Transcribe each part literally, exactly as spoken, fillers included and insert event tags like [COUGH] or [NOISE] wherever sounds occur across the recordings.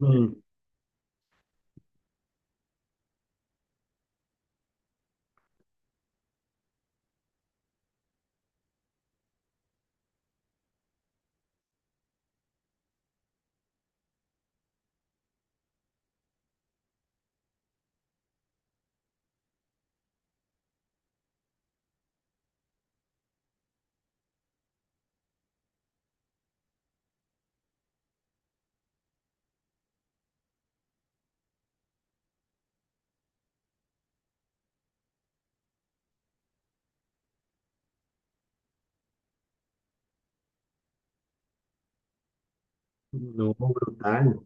Mm. No, brutal.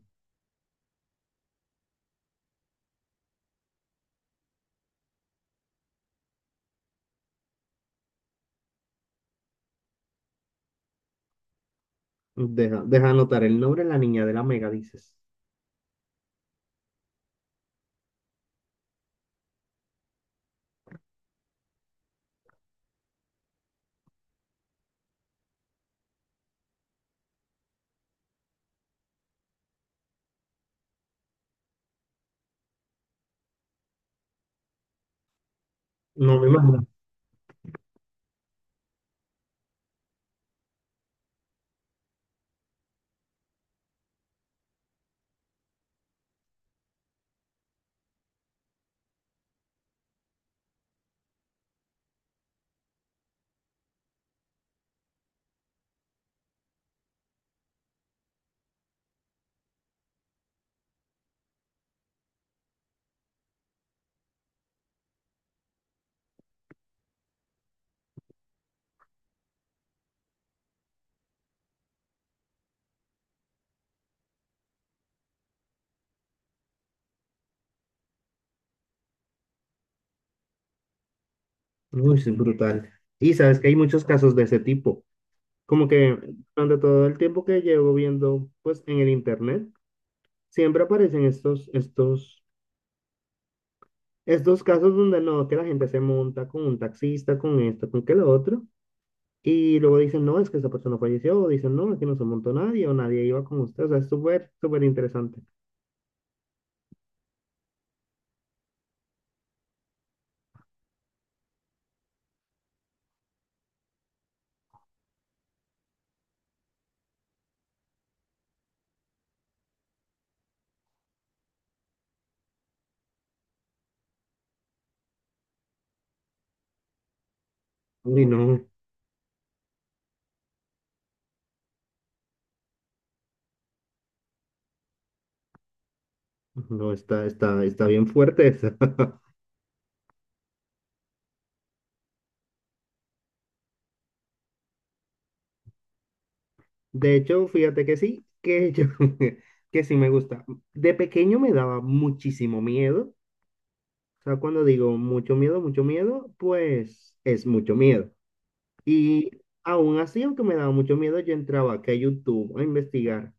Deja, deja anotar el nombre de la niña de la mega, dices. No me imagino. Uy, sí, brutal. Y sabes que hay muchos casos de ese tipo. Como que durante todo el tiempo que llevo viendo, pues en el internet, siempre aparecen estos, estos, estos casos donde no, que la gente se monta con un taxista, con esto, con que lo otro. Y luego dicen, no, es que esa persona falleció. O dicen, no, aquí no se montó nadie o nadie iba con usted. O sea, es súper, súper interesante. Uy, no. No, está, está, está bien fuerte esa. [LAUGHS] De hecho, fíjate que sí, que yo, [LAUGHS] que sí me gusta. De pequeño me daba muchísimo miedo. O sea, cuando digo mucho miedo, mucho miedo, pues es mucho miedo. Y aún así, aunque me daba mucho miedo, yo entraba aquí a YouTube a investigar.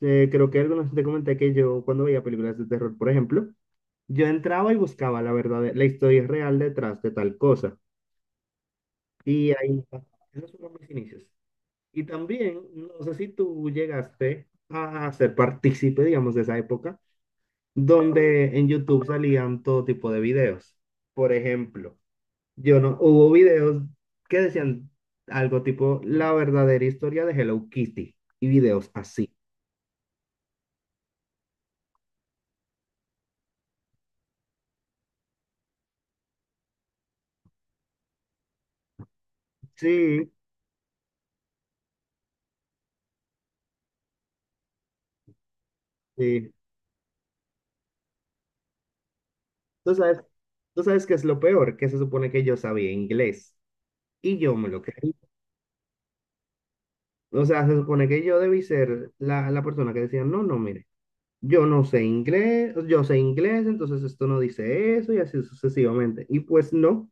Eh, creo que algunos te comenté que yo, cuando veía películas de terror, por ejemplo, yo entraba y buscaba la verdad, la historia real detrás de tal cosa. Y ahí, esos fueron mis inicios. Y también, no sé si tú llegaste a ser partícipe, digamos, de esa época, donde en YouTube salían todo tipo de videos. Por ejemplo, yo no, hubo videos que decían algo tipo la verdadera historia de Hello Kitty y videos así. Sí, sí. Tú sabes, tú sabes qué es lo peor, que se supone que yo sabía inglés y yo me lo creí. O sea, se supone que yo debí ser la, la persona que decía, no, no, mire. Yo no sé inglés, yo sé inglés, entonces esto no dice eso y así sucesivamente. Y pues no, o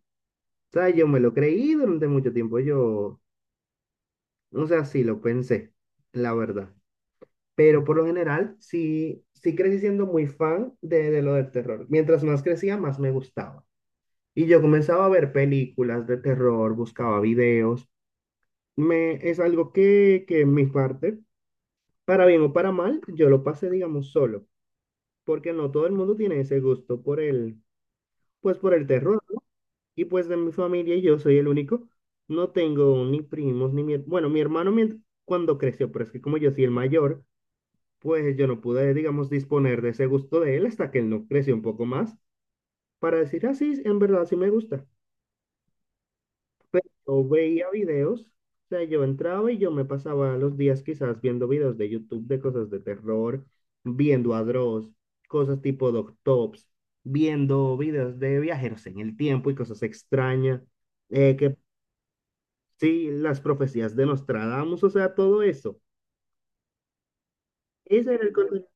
sea, yo me lo creí durante mucho tiempo, yo, o sea, sí lo pensé, la verdad. Pero por lo general, sí, sí crecí siendo muy fan de, de lo del terror. Mientras más crecía, más me gustaba. Y yo comenzaba a ver películas de terror, buscaba videos. Me, es algo que, que en mi parte, para bien o para mal, yo lo pasé, digamos, solo, porque no todo el mundo tiene ese gusto por el, pues por el terror, ¿no? Y pues de mi familia yo soy el único. No tengo ni primos, ni mi... her- Bueno, mi hermano mient- cuando creció, pero es que como yo soy el mayor, pues yo no pude, digamos, disponer de ese gusto de él hasta que él no creció un poco más para decir, ah, sí, en verdad sí me gusta. Pero yo veía videos, o sea, yo entraba y yo me pasaba los días quizás viendo videos de YouTube de cosas de terror, viendo a Dross, cosas tipo Doctops, viendo videos de viajeros en el tiempo y cosas extrañas, eh, que sí, las profecías de Nostradamus, o sea, todo eso. Ese era el contenido.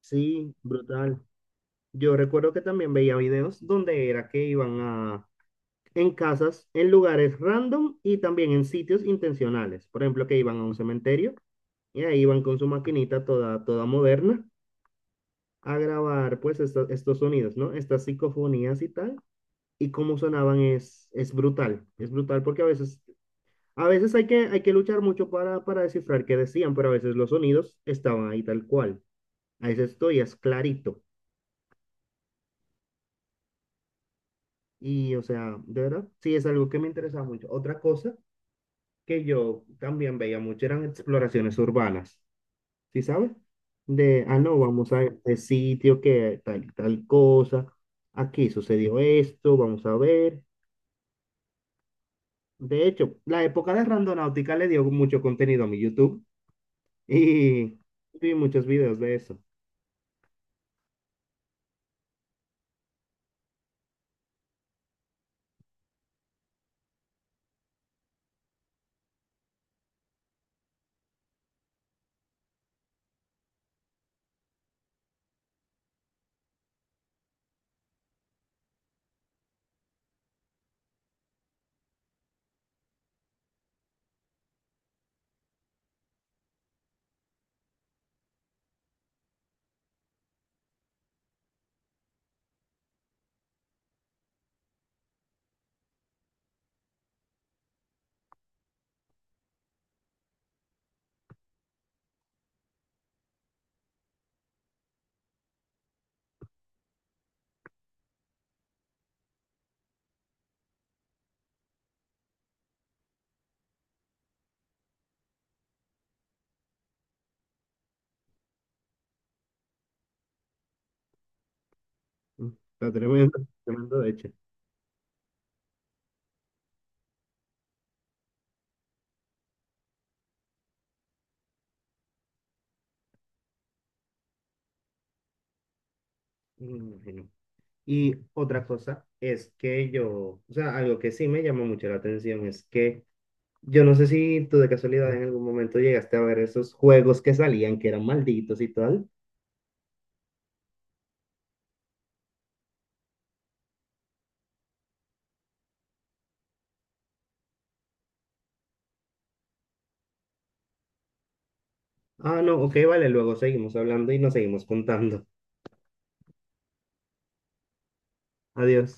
Sí, brutal. Yo recuerdo que también veía videos donde era que iban a en casas, en lugares random y también en sitios intencionales. Por ejemplo, que iban a un cementerio y ahí iban con su maquinita toda, toda moderna a grabar pues esto- estos sonidos, ¿no? Estas psicofonías y tal. Y cómo sonaban es, es brutal, es brutal porque a veces, a veces hay que, hay que luchar mucho para, para descifrar qué decían, pero a veces los sonidos estaban ahí tal cual. A veces esto ya es clarito. Y o sea, de verdad, sí es algo que me interesa mucho. Otra cosa que yo también veía mucho eran exploraciones urbanas, ¿sí sabes? De, ah, no, vamos a este sitio que tal, tal cosa, aquí sucedió esto, vamos a ver. De hecho, la época de Randonáutica le dio mucho contenido a mi YouTube y vi muchos videos de eso. Está tremendo, tremendo, de hecho. Me imagino. Y otra cosa es que yo, o sea, algo que sí me llamó mucho la atención es que yo no sé si tú de casualidad en algún momento llegaste a ver esos juegos que salían, que eran malditos y tal. Ah, no, ok, vale, luego seguimos hablando y nos seguimos contando. Adiós.